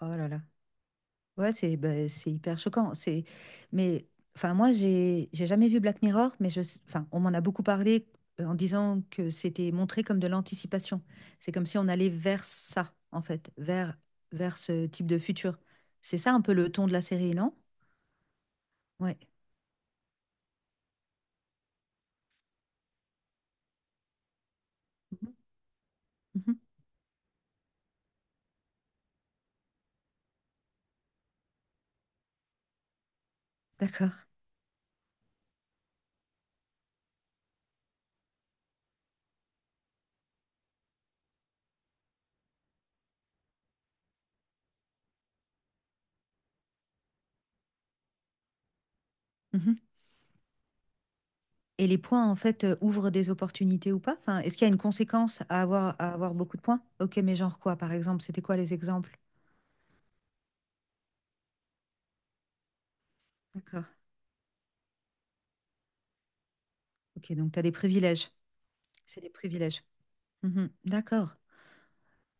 Oh là là. Ouais, c'est bah, c'est hyper choquant. C'est mais enfin moi j'ai jamais vu Black Mirror, mais enfin on m'en a beaucoup parlé en disant que c'était montré comme de l'anticipation. C'est comme si on allait vers ça en fait, vers ce type de futur. C'est ça un peu le ton de la série, non? Ouais. Mhm. Mhm. D'accord. Mhm. Et les points en fait ouvrent des opportunités ou pas? Enfin, est-ce qu'il y a une conséquence à avoir beaucoup de points? Ok, mais genre quoi par exemple? C'était quoi les exemples? D'accord. Ok, donc tu as des privilèges. C'est des privilèges. Mhm. D'accord.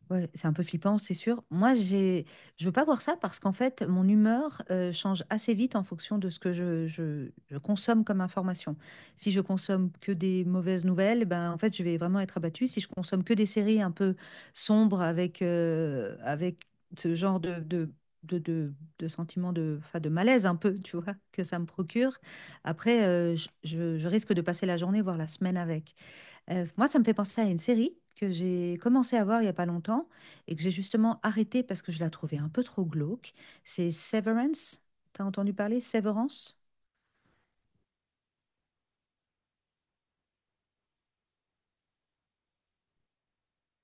Ouais, c'est un peu flippant, c'est sûr. Moi, je veux pas voir ça parce qu'en fait, mon humeur change assez vite en fonction de ce que je consomme comme information. Si je consomme que des mauvaises nouvelles, ben en fait, je vais vraiment être abattue. Si je consomme que des séries un peu sombres avec ce genre de, de, de sentiment de, enfin, de malaise un peu, tu vois, que ça me procure. Après, je risque de passer la journée, voire la semaine avec. Moi, ça me fait penser à une série que j'ai commencé à voir il n'y a pas longtemps et que j'ai justement arrêtée parce que je la trouvais un peu trop glauque. C'est Severance. T'as entendu parler? Severance?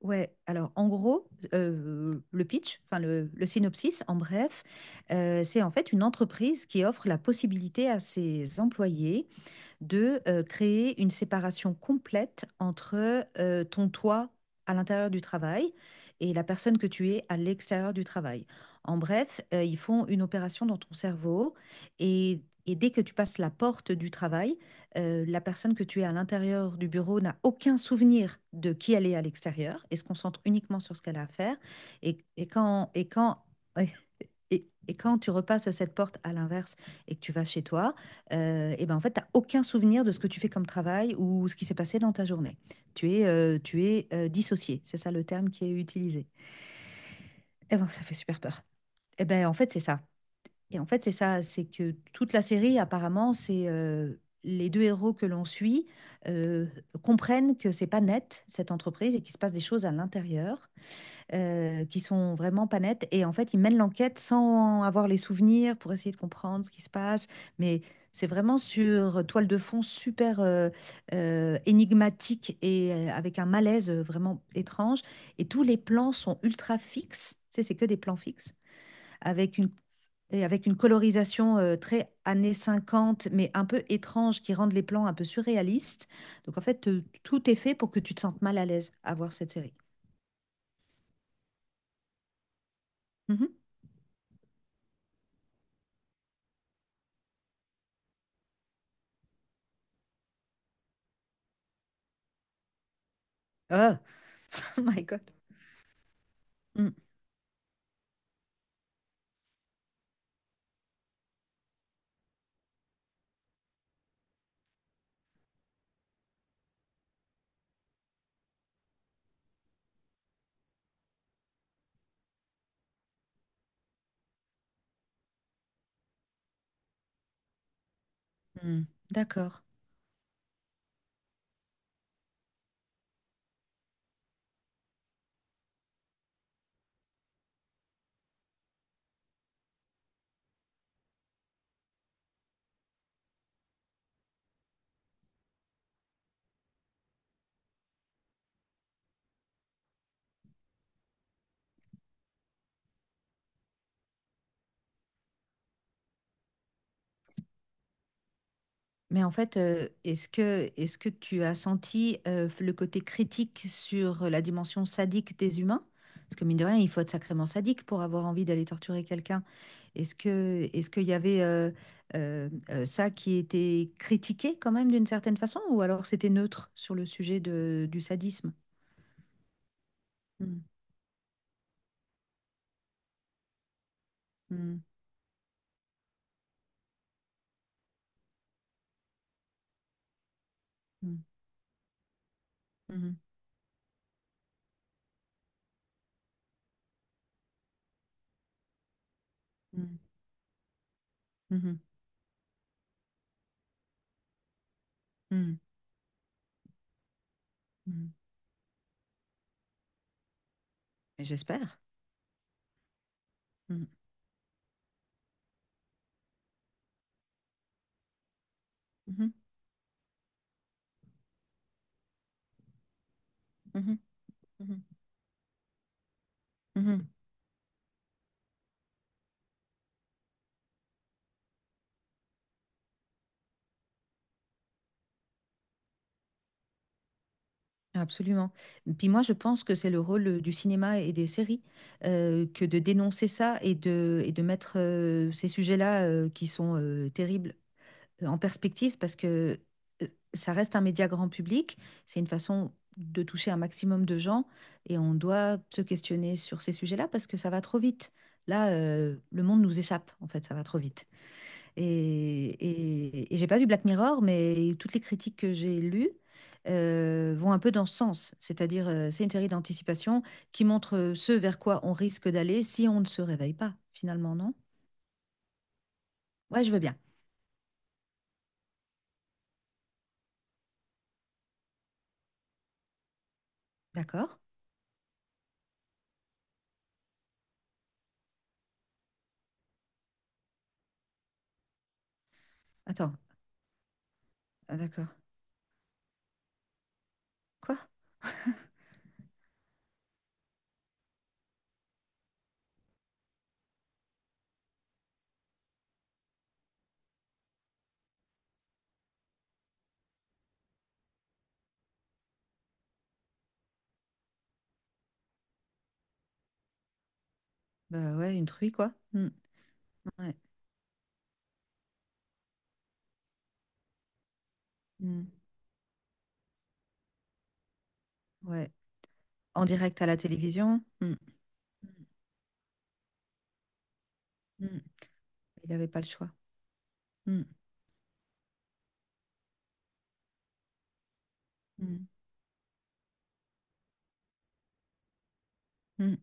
Ouais, alors en gros, le pitch, enfin le synopsis, en bref, c'est en fait une entreprise qui offre la possibilité à ses employés de créer une séparation complète entre ton toi à l'intérieur du travail et la personne que tu es à l'extérieur du travail. En bref, ils font une opération dans ton cerveau et dès que tu passes la porte du travail, la personne que tu es à l'intérieur du bureau n'a aucun souvenir de qui elle est à l'extérieur et se concentre uniquement sur ce qu'elle a à faire. Et, et quand, et quand, et quand tu repasses cette porte à l'inverse et que tu vas chez toi, et ben, en fait, tu as aucun souvenir de ce que tu fais comme travail ou ce qui s'est passé dans ta journée. Tu es, dissocié, c'est ça le terme qui est utilisé. Et ben, ça fait super peur. Et ben en fait, c'est ça et en fait, c'est ça, c'est que toute la série apparemment, c'est, les 2 héros que l'on suit, heu, comprennent que c'est pas net, cette entreprise et qu'il se passe des choses à l'intérieur qui sont vraiment pas nettes. Et en fait, ils mènent l'enquête sans avoir les souvenirs pour essayer de comprendre ce qui se passe. Mais c'est vraiment sur toile de fond super énigmatique et avec un malaise vraiment étrange. Et tous les plans sont ultra fixes. Tu sais, c'est que des plans fixes avec une avec une colorisation très années 50, mais un peu étrange, qui rendent les plans un peu surréalistes. Donc en fait, tout est fait pour que tu te sentes mal à l'aise à voir cette série. Mhm. Oh, my God. Mm, mm, d'accord. Mais en fait, est-ce que tu as senti le côté critique sur la dimension sadique des humains? Parce que mine de rien, il faut être sacrément sadique pour avoir envie d'aller torturer quelqu'un. Est-ce qu'il y avait ça qui était critiqué quand même d'une certaine façon, ou alors c'était neutre sur le sujet du sadisme? Mm, mm, mm, mhm, mhm, mhm, mhm, mhm. Mais j'espère. Mhm, mhm, mhm, mhm, mhm. Absolument. Puis moi, je pense que c'est le rôle du cinéma et des séries que de dénoncer ça et de mettre ces sujets-là qui sont terribles en perspective parce que euh, ça reste un média grand public. C'est une façon de toucher un maximum de gens et on doit se questionner sur ces sujets-là parce que ça va trop vite. Là, le monde nous échappe, en fait, ça va trop vite. Et j'ai pas vu Black Mirror, mais toutes les critiques que j'ai lues vont un peu dans ce sens. C'est-à-dire, c'est une série d'anticipation qui montre ce vers quoi on risque d'aller si on ne se réveille pas, finalement, non? Ouais, je veux bien. D'accord. Attends. Ah, d'accord. Quoi? Bah ouais, une truie, quoi. Hmm. Ouais. Hmm. Ouais. En direct à la télévision. Hmm. Hmm. Il n'avait pas le choix. Hmm. Hmm. Hmm.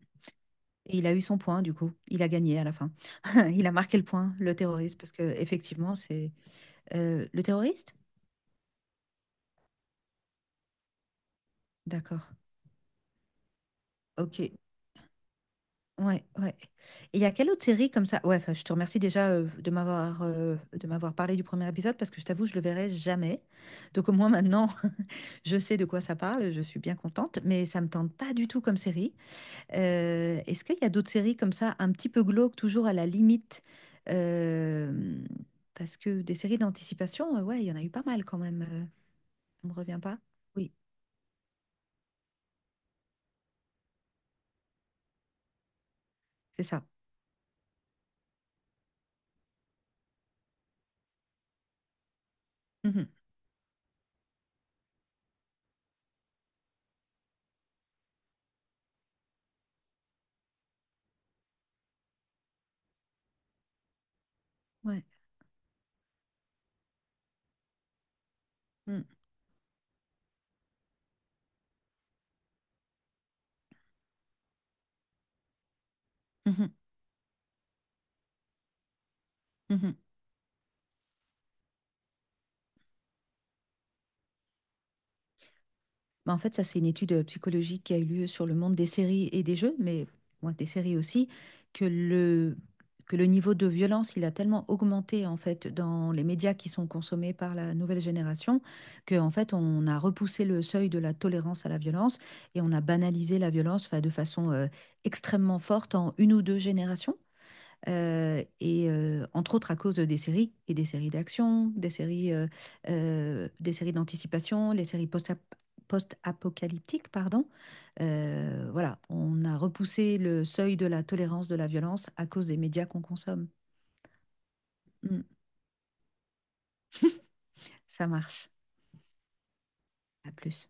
Et il a eu son point, du coup. Il a gagné à la fin. Il a marqué le point, le terroriste, parce que effectivement, c'est le terroriste? D'accord. Ok. Ouais, ouais. Et il y a quelle autre série comme ça? Ouais, enfin, je te remercie déjà de m'avoir parlé du premier épisode parce que je t'avoue, je le verrai jamais. Donc au moins maintenant, je sais de quoi ça parle, je suis bien contente, mais ça me tente pas du tout comme série. Est-ce qu'il y a d'autres séries comme ça, un petit peu glauques, toujours à la limite. Euh, Parce que des séries d'anticipation, ouais, il y en a eu pas mal quand même. On ne revient pas? Oui, c'est ça. Mhm. Ouais. Mm. Mhm. Mhm. Bah, en fait, ça, c'est une étude psychologique qui a eu lieu sur le monde des séries et des jeux, mais ouais, des séries aussi, que le, que le niveau de violence, il a tellement augmenté en fait dans les médias qui sont consommés par la nouvelle génération, que en fait, on a repoussé le seuil de la tolérance à la violence et on a banalisé la violence enfin, de façon extrêmement forte en une ou deux générations. Et entre autres à cause des séries et des séries d'action, des séries d'anticipation, les séries post-apocalyptiques, pardon. Voilà, on a repoussé le seuil de la tolérance de la violence à cause des médias qu'on consomme. Mm. Ça marche. À plus.